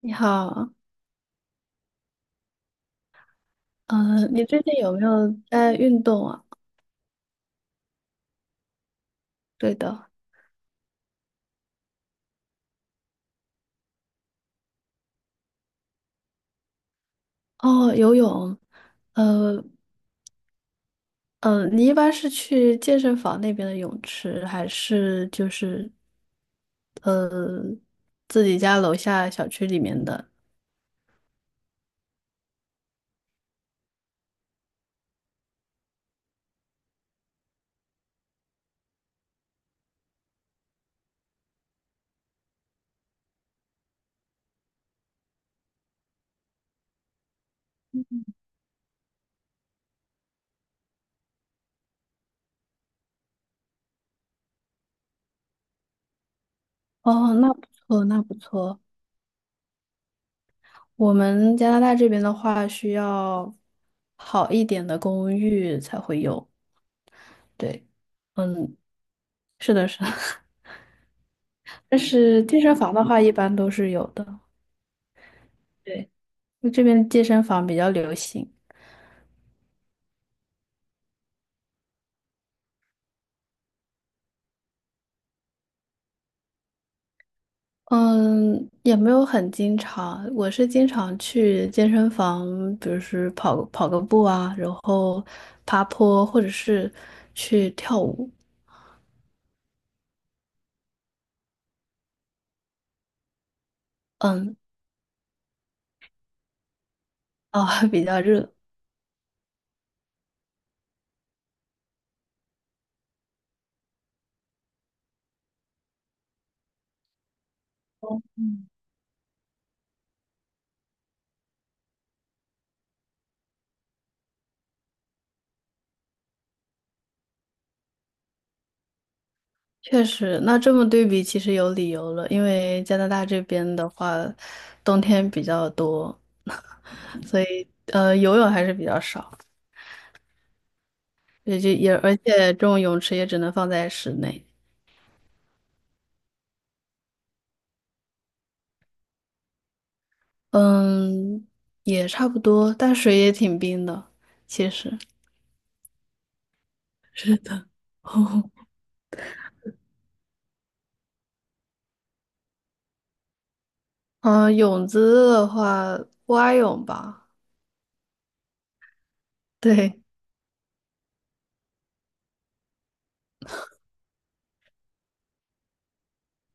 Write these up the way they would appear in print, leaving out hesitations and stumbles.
你好，你最近有没有在运动啊？对的。哦，游泳。呃，嗯，你一般是去健身房那边的泳池，还是就是呃自己家楼下小区里面的？哦，那不错，那不错。我们加拿大这边的话，需要好一点的公寓才会有。对，嗯，是的，是的。但是健身房的话，一般都是有的。对。就这边健身房比较流行。嗯，也没有很经常，我是经常去健身房，比如是跑跑个步啊，然后爬坡，或者是去跳舞。嗯，啊，比较热，确实。那这么对比，其实有理由了，因为加拿大这边的话，冬天比较多，所以游泳还是比较少，也就也而且这种泳池也只能放在室内。嗯，也差不多，但水也挺冰的，其实 是的，哦，嗯，泳姿的话，蛙泳吧。对，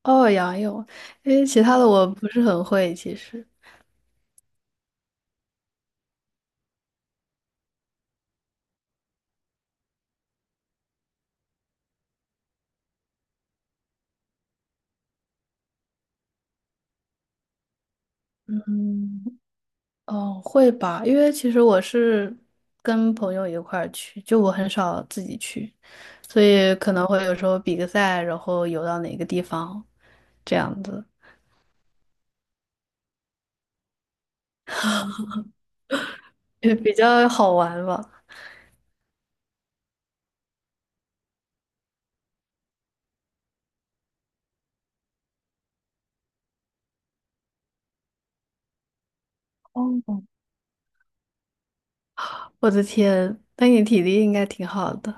哦，仰泳，因为其他的我不是很会，其实。嗯，哦，会吧，因为其实我是跟朋友一块儿去，就我很少自己去，所以可能会有时候比个赛，然后游到哪个地方，这样子，也比较好玩吧。哦。我的天，那你体力应该挺好的。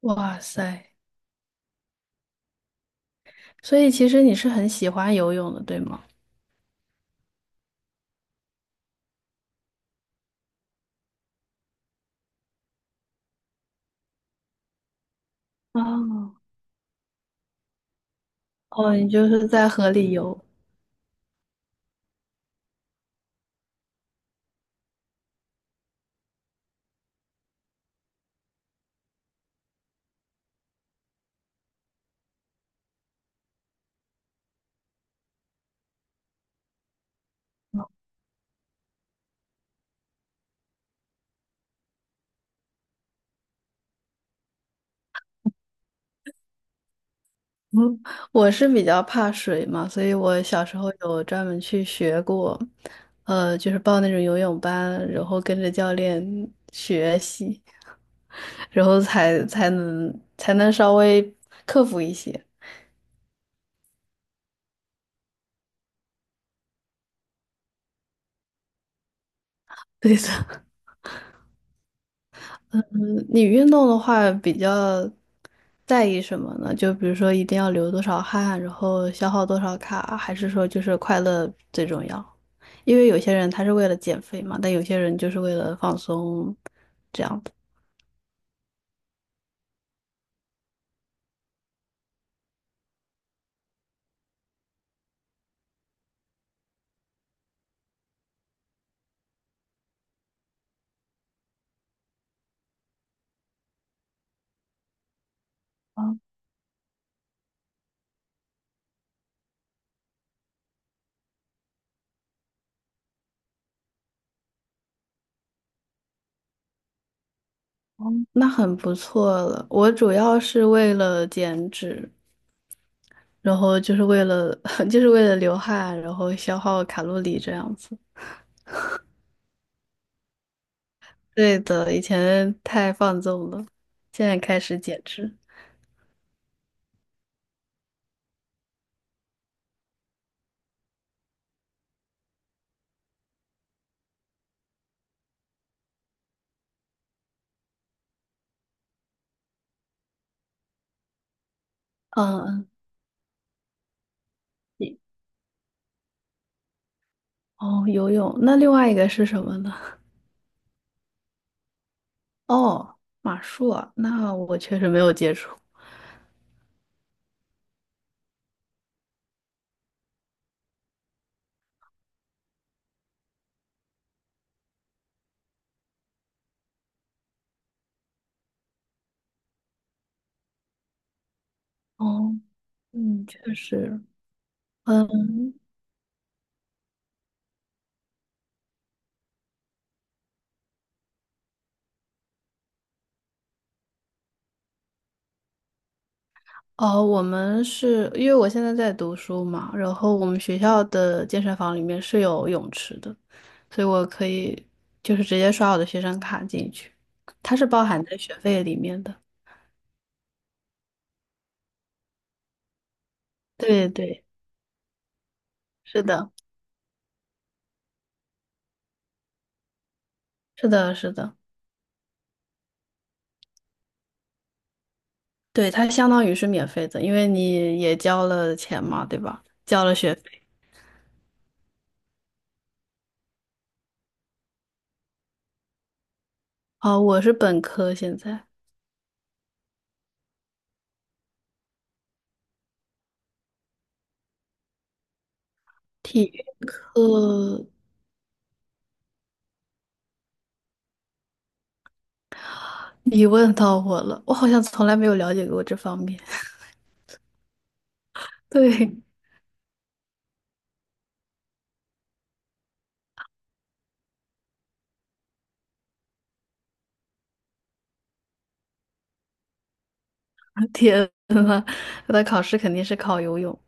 哇塞，所以其实你是很喜欢游泳的，对吗？哦，哦，你就是在河里游。嗯，我是比较怕水嘛，所以我小时候有专门去学过，就是报那种游泳班，然后跟着教练学习。然后才能稍微克服一些。对的。嗯，你运动的话比较在意什么呢？就比如说一定要流多少汗，然后消耗多少卡，还是说就是快乐最重要？因为有些人他是为了减肥嘛，但有些人就是为了放松，这样子。那很不错了。我主要是为了减脂，然后就是为了 就是为了流汗，然后消耗卡路里这样子。对的，以前太放纵了，现在开始减脂。嗯嗯。哦，游泳。那另外一个是什么呢？哦，马术啊，那我确实没有接触。哦，嗯，确实，嗯，哦，我们是因为我现在在读书嘛，然后我们学校的健身房里面是有泳池的，所以我可以就是直接刷我的学生卡进去，它是包含在学费里面的。对对，是的，是的，是的，对，它相当于是免费的，因为你也交了钱嘛，对吧？交了学费。啊，我是本科，现在体育课你问到我了，我好像从来没有了解过这方面。对，天呐，他的考试肯定是考游泳，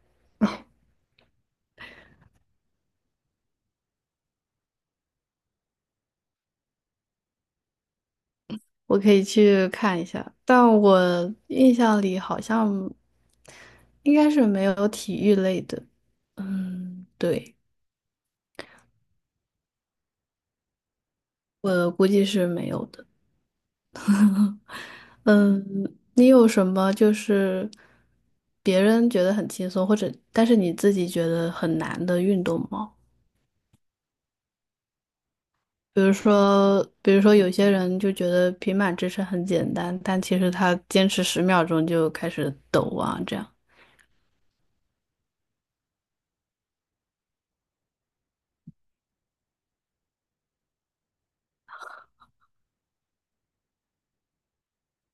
我可以去看一下，但我印象里好像应该是没有体育类的。嗯，对，我估计是没有的。嗯，你有什么就是别人觉得很轻松，或者但是你自己觉得很难的运动吗？比如说，比如说有些人就觉得平板支撑很简单，但其实他坚持10秒钟就开始抖啊，这样。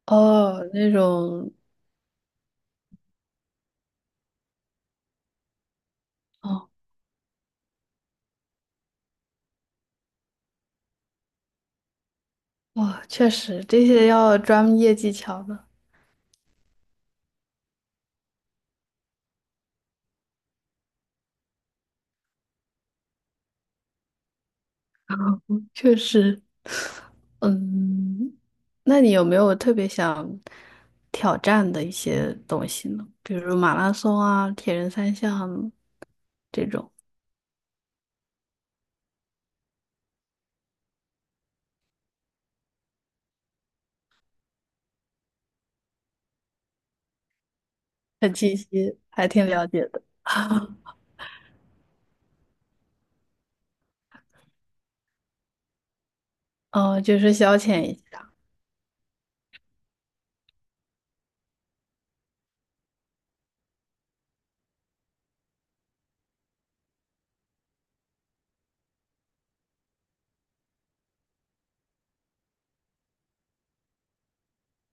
哦，那种，哦，哦，确实这些要专业技巧的，确实。嗯，那你有没有特别想挑战的一些东西呢？比如马拉松啊、铁人三项这种，很清晰，还挺了解的。哦，就是消遣一下。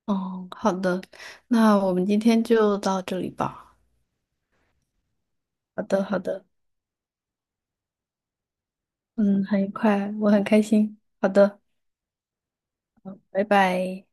哦，好的，那我们今天就到这里吧。好的，好的，嗯，很愉快，我很开心。好的，拜拜。